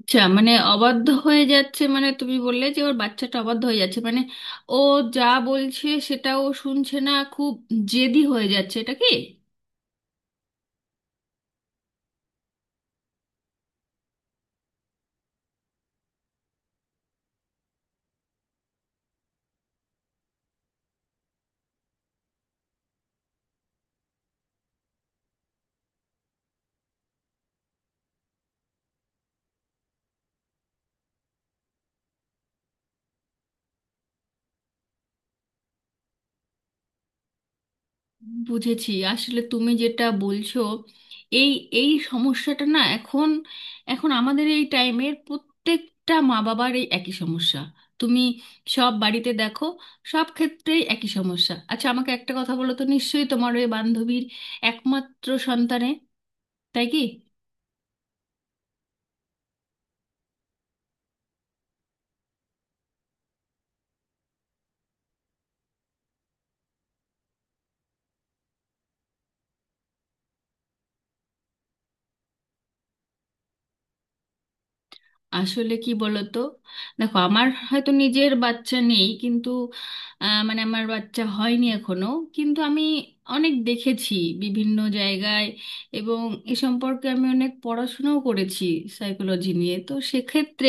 আচ্ছা, মানে অবাধ্য হয়ে যাচ্ছে, মানে তুমি বললে যে ওর বাচ্চাটা অবাধ্য হয়ে যাচ্ছে, মানে ও যা বলছে সেটা ও শুনছে না, খুব জেদি হয়ে যাচ্ছে, এটা কি? বুঝেছি। আসলে তুমি যেটা বলছো, এই এই সমস্যাটা না, এখন এখন আমাদের এই টাইমের প্রত্যেকটা মা বাবার এই একই সমস্যা। তুমি সব বাড়িতে দেখো, সব ক্ষেত্রেই একই সমস্যা। আচ্ছা, আমাকে একটা কথা বলো তো, নিশ্চয়ই তোমার ওই বান্ধবীর একমাত্র সন্তানে, তাই কি? আসলে কি বলতো, দেখো আমার হয়তো নিজের বাচ্চা নেই, কিন্তু মানে আমার বাচ্চা হয়নি এখনো, কিন্তু আমি অনেক দেখেছি বিভিন্ন জায়গায়, এবং এ সম্পর্কে আমি অনেক পড়াশোনাও করেছি সাইকোলজি নিয়ে। তো সেক্ষেত্রে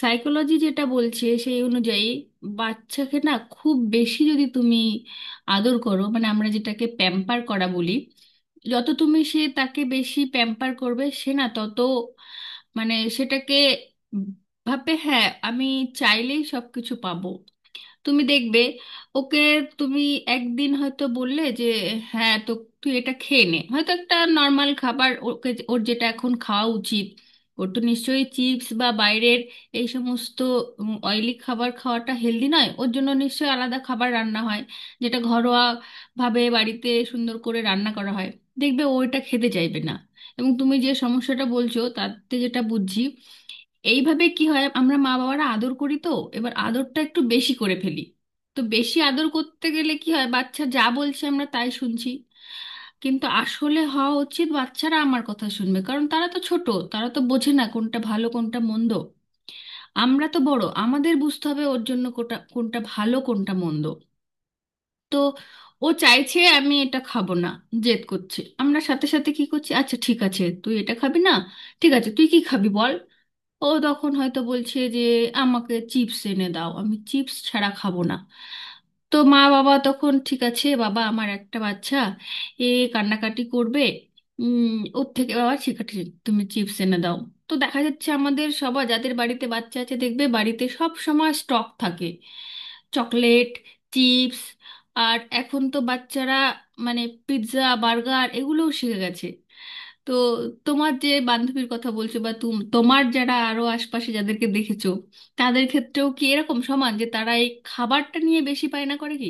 সাইকোলজি যেটা বলছে সেই অনুযায়ী, বাচ্চাকে না খুব বেশি যদি তুমি আদর করো, মানে আমরা যেটাকে প্যাম্পার করা বলি, যত তুমি সে তাকে বেশি প্যাম্পার করবে, সে না তত মানে সেটাকে ভাবে, হ্যাঁ আমি চাইলেই সবকিছু পাবো। তুমি দেখবে ওকে, তুমি একদিন হয়তো বললে যে, হ্যাঁ তো তুই এটা খেয়ে নে, হয়তো একটা নর্মাল খাবার, ওকে ওর যেটা এখন খাওয়া উচিত। ওর তো নিশ্চয়ই চিপস বা বাইরের এই সমস্ত অয়েলি খাবার খাওয়াটা হেলদি নয়, ওর জন্য নিশ্চয়ই আলাদা খাবার রান্না হয়, যেটা ঘরোয়া ভাবে বাড়িতে সুন্দর করে রান্না করা হয়। দেখবে ও এটা খেতে চাইবে না। এবং তুমি যে সমস্যাটা বলছো, তাতে যেটা বুঝছি, এইভাবে কি হয়, আমরা মা বাবারা আদর করি তো, এবার আদরটা একটু বেশি করে ফেলি। তো বেশি আদর করতে গেলে কি হয়, বাচ্চা যা বলছে আমরা তাই শুনছি। কিন্তু আসলে হওয়া উচিত বাচ্চারা আমার কথা শুনবে, কারণ তারা তো ছোট, তারা তো বোঝে না কোনটা ভালো কোনটা মন্দ। আমরা তো বড়, আমাদের বুঝতে হবে ওর জন্য কোটা কোনটা ভালো কোনটা মন্দ। তো ও চাইছে আমি এটা খাবো না, জেদ করছে, আমরা সাথে সাথে কি করছি, আচ্ছা ঠিক আছে তুই এটা খাবি না, ঠিক আছে তুই কি খাবি বল। ও তখন হয়তো বলছে যে, আমাকে চিপস এনে দাও, আমি চিপস ছাড়া খাবো না। তো মা বাবা তখন, ঠিক আছে বাবা, আমার একটা বাচ্চা, এ কান্নাকাটি করবে, উম ওর থেকে বাবা ঠিক আছে, তুমি চিপস এনে দাও। তো দেখা যাচ্ছে আমাদের সবার যাদের বাড়িতে বাচ্চা আছে, দেখবে বাড়িতে সব সময় স্টক থাকে চকলেট, চিপস। আর এখন তো বাচ্চারা মানে পিৎজা, বার্গার এগুলোও শিখে গেছে। তো তোমার যে বান্ধবীর কথা বলছো, বা তোমার যারা আরো আশপাশে যাদেরকে দেখেছো, তাদের ক্ষেত্রেও কি এরকম সমান যে তারা এই খাবারটা নিয়ে বেশি বায়না করে কি?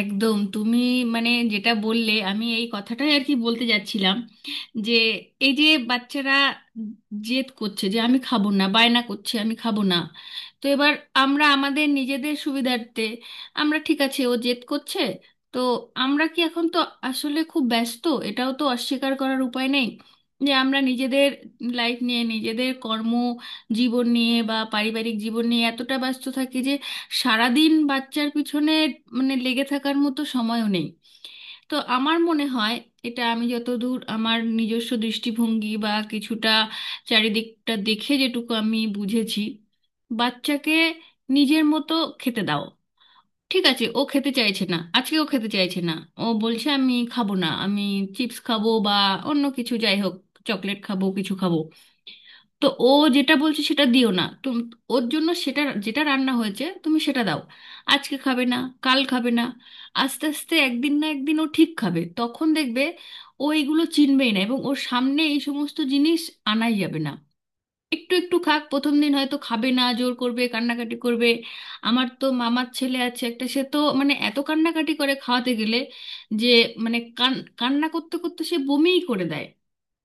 একদম, তুমি মানে যেটা বললে আমি এই কথাটাই আর কি বলতে যাচ্ছিলাম, যে এই যে বাচ্চারা জেদ করছে যে আমি খাবো না, বায়না করছে আমি খাবো না, তো এবার আমরা আমাদের নিজেদের সুবিধার্থে, আমরা ঠিক আছে ও জেদ করছে, তো আমরা কি, এখন তো আসলে খুব ব্যস্ত, এটাও তো অস্বীকার করার উপায় নেই, যে আমরা নিজেদের লাইফ নিয়ে, নিজেদের কর্ম জীবন নিয়ে বা পারিবারিক জীবন নিয়ে এতটা ব্যস্ত থাকি, সারাদিন বাচ্চার পিছনে মানে লেগে থাকার মতো সময়ও নেই। তো আমার মনে হয়, এটা আমি যতদূর আমার নিজস্ব দৃষ্টিভঙ্গি বা কিছুটা চারিদিকটা দেখে যেটুকু আমি বুঝেছি, বাচ্চাকে নিজের মতো খেতে দাও। ঠিক আছে ও খেতে চাইছে না, আজকে ও খেতে চাইছে না, ও বলছে আমি খাবো না, আমি চিপস খাবো বা অন্য কিছু, যাই হোক চকলেট খাবো, কিছু খাবো। তো ও যেটা বলছে সেটা দিও না তুমি, ওর জন্য সেটা যেটা রান্না হয়েছে তুমি সেটা দাও। আজকে খাবে না, কাল খাবে না, আস্তে আস্তে একদিন না একদিন ও ঠিক খাবে, তখন দেখবে ও এগুলো চিনবেই না, এবং ওর সামনে এই সমস্ত জিনিস আনাই যাবে না। একটু একটু খাক, প্রথম দিন হয়তো খাবে না, জোর করবে, কান্নাকাটি করবে। আমার তো মামার ছেলে আছে একটা, সে তো মানে এত কান্নাকাটি করে, খাওয়াতে গেলে যে মানে কান্না করতে করতে সে বমিই করে দেয়।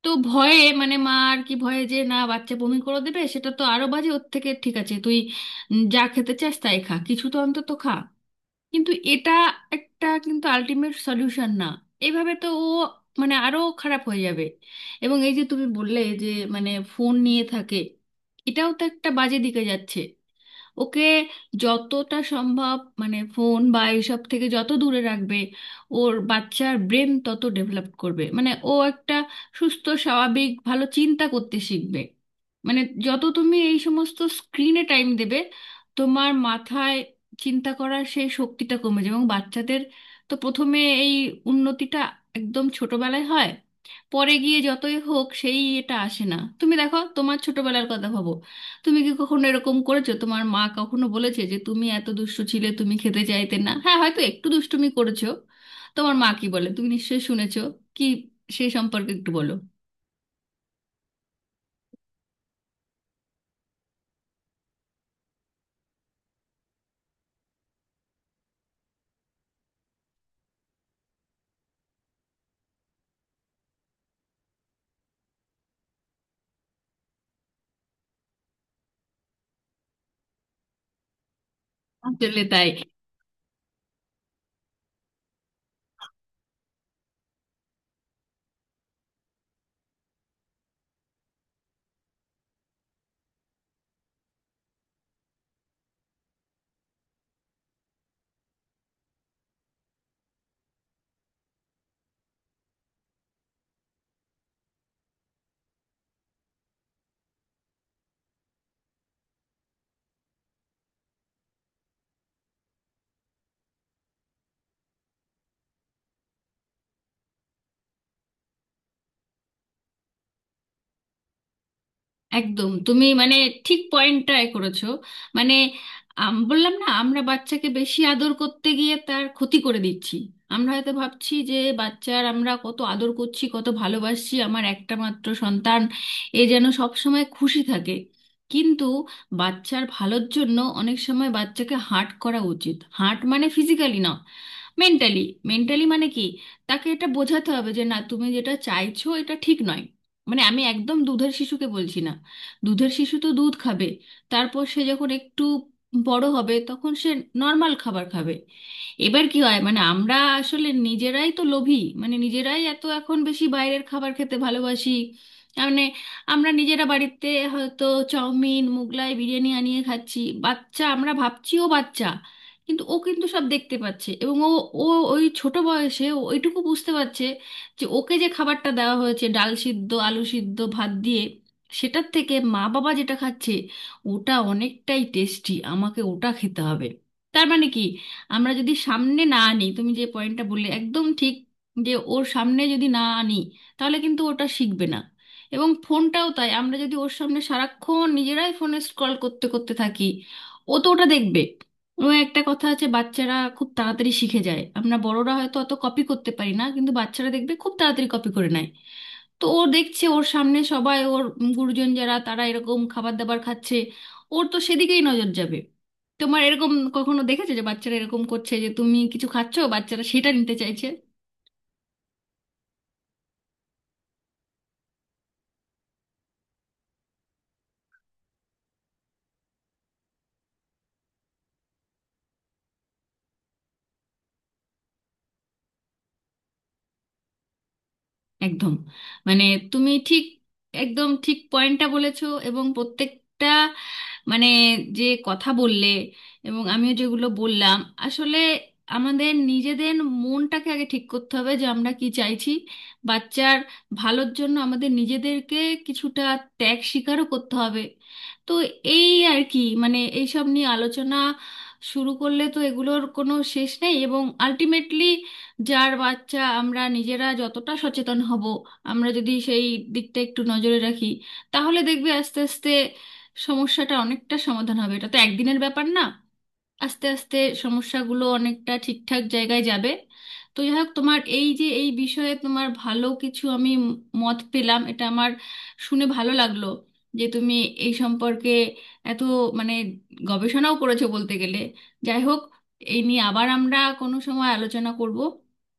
তো ভয়ে মানে মা আর কি ভয়ে, যে না বাচ্চা বমি করে দেবে, সেটা তো আরো বাজে, ওর থেকে ঠিক আছে তুই যা খেতে চাস তাই খা, কিছু তো অন্তত খা। কিন্তু এটা একটা কিন্তু আলটিমেট সলিউশন না, এভাবে তো ও মানে আরো খারাপ হয়ে যাবে। এবং এই যে তুমি বললে যে মানে ফোন নিয়ে থাকে, এটাও তো একটা বাজে দিকে যাচ্ছে। ওকে যতটা সম্ভব মানে ফোন বা এইসব থেকে যত দূরে রাখবে, ওর বাচ্চার ব্রেন তত ডেভেলপ করবে, মানে ও একটা সুস্থ স্বাভাবিক ভালো চিন্তা করতে শিখবে। মানে যত তুমি এই সমস্ত স্ক্রিনে টাইম দেবে, তোমার মাথায় চিন্তা করার সেই শক্তিটা কমে যাবে। এবং বাচ্চাদের তো প্রথমে এই উন্নতিটা একদম ছোটবেলায় হয়, পরে গিয়ে যতই হোক সেই এটা আসে না। তুমি দেখো, তোমার ছোটবেলার কথা ভাবো, তুমি কি কখনো এরকম করেছো? তোমার মা কখনো বলেছে যে তুমি এত দুষ্টু ছিলে, তুমি খেতে চাইতে না, হ্যাঁ হয়তো একটু দুষ্টুমি করেছো, তোমার মা কি বলে তুমি নিশ্চয়ই শুনেছো, কি সেই সম্পর্কে একটু বলো। আসলে তাই, একদম তুমি মানে ঠিক পয়েন্টটাই করেছো। মানে বললাম না আমরা বাচ্চাকে বেশি আদর করতে গিয়ে তার ক্ষতি করে দিচ্ছি। আমরা হয়তো ভাবছি যে বাচ্চার আমরা কত আদর করছি, কত ভালোবাসছি, আমার একটা মাত্র সন্তান, এ যেন সব সময় খুশি থাকে। কিন্তু বাচ্চার ভালোর জন্য অনেক সময় বাচ্চাকে হার্ট করা উচিত। হার্ট মানে ফিজিক্যালি না, মেন্টালি। মেন্টালি মানে কি, তাকে এটা বোঝাতে হবে যে না তুমি যেটা চাইছো এটা ঠিক নয়। মানে আমি একদম দুধের শিশুকে বলছি না, দুধের শিশু তো দুধ খাবে। তারপর সে যখন একটু বড় হবে, তখন সে নর্মাল খাবার খাবে। এবার কি হয়, মানে আমরা আসলে নিজেরাই তো লোভী, মানে নিজেরাই এত এখন বেশি বাইরের খাবার খেতে ভালোবাসি। মানে আমরা নিজেরা বাড়িতে হয়তো চাউমিন, মুগলাই, বিরিয়ানি আনিয়ে খাচ্ছি। বাচ্চা, আমরা ভাবছি ও বাচ্চা, কিন্তু ও কিন্তু সব দেখতে পাচ্ছে এবং ও ও ওই ছোট বয়সে ও ওইটুকু বুঝতে পারছে যে ওকে যে খাবারটা দেওয়া হয়েছে ডাল সিদ্ধ, আলু সিদ্ধ, ভাত দিয়ে, সেটার থেকে মা বাবা যেটা খাচ্ছে ওটা অনেকটাই টেস্টি, আমাকে ওটা খেতে হবে। তার মানে কি, আমরা যদি সামনে না আনি, তুমি যে পয়েন্টটা বললে একদম ঠিক, যে ওর সামনে যদি না আনি তাহলে কিন্তু ওটা শিখবে না। এবং ফোনটাও তাই, আমরা যদি ওর সামনে সারাক্ষণ নিজেরাই ফোনে স্ক্রল করতে করতে থাকি, ও তো ওটা দেখবে। ও একটা কথা আছে, বাচ্চারা খুব তাড়াতাড়ি শিখে যায়, আমরা বড়রা হয়তো অত কপি করতে পারি না, কিন্তু বাচ্চারা দেখবে খুব তাড়াতাড়ি কপি করে নেয়। তো ও দেখছে ওর সামনে সবাই ওর গুরুজন যারা তারা এরকম খাবার দাবার খাচ্ছে, ওর তো সেদিকেই নজর যাবে। তোমার এরকম কখনো দেখেছো যে বাচ্চারা এরকম করছে যে তুমি কিছু খাচ্ছো বাচ্চারা সেটা নিতে চাইছে? একদম, মানে তুমি ঠিক, একদম ঠিক পয়েন্টটা বলেছো, এবং প্রত্যেকটা মানে যে কথা বললে এবং আমিও যেগুলো বললাম, আসলে আমাদের নিজেদের মনটাকে আগে ঠিক করতে হবে যে আমরা কি চাইছি। বাচ্চার ভালোর জন্য আমাদের নিজেদেরকে কিছুটা ত্যাগ স্বীকারও করতে হবে। তো এই আর কি, মানে এইসব নিয়ে আলোচনা শুরু করলে তো এগুলোর কোনো শেষ নেই, এবং আলটিমেটলি যার বাচ্চা আমরা নিজেরা যতটা সচেতন হব, আমরা যদি সেই দিকটা একটু নজরে রাখি, তাহলে দেখবে আস্তে আস্তে সমস্যাটা অনেকটা সমাধান হবে, এটা তো একদিনের ব্যাপার না। আস্তে আস্তে সমস্যাগুলো অনেকটা ঠিকঠাক জায়গায় যাবে। তো যাই হোক, তোমার এই যে এই বিষয়ে তোমার ভালো কিছু আমি মত পেলাম, এটা আমার শুনে ভালো লাগলো, যে তুমি এই সম্পর্কে এত মানে গবেষণাও করেছো বলতে গেলে। যাই হোক, এই নিয়ে আবার আমরা কোনো সময় আলোচনা করব।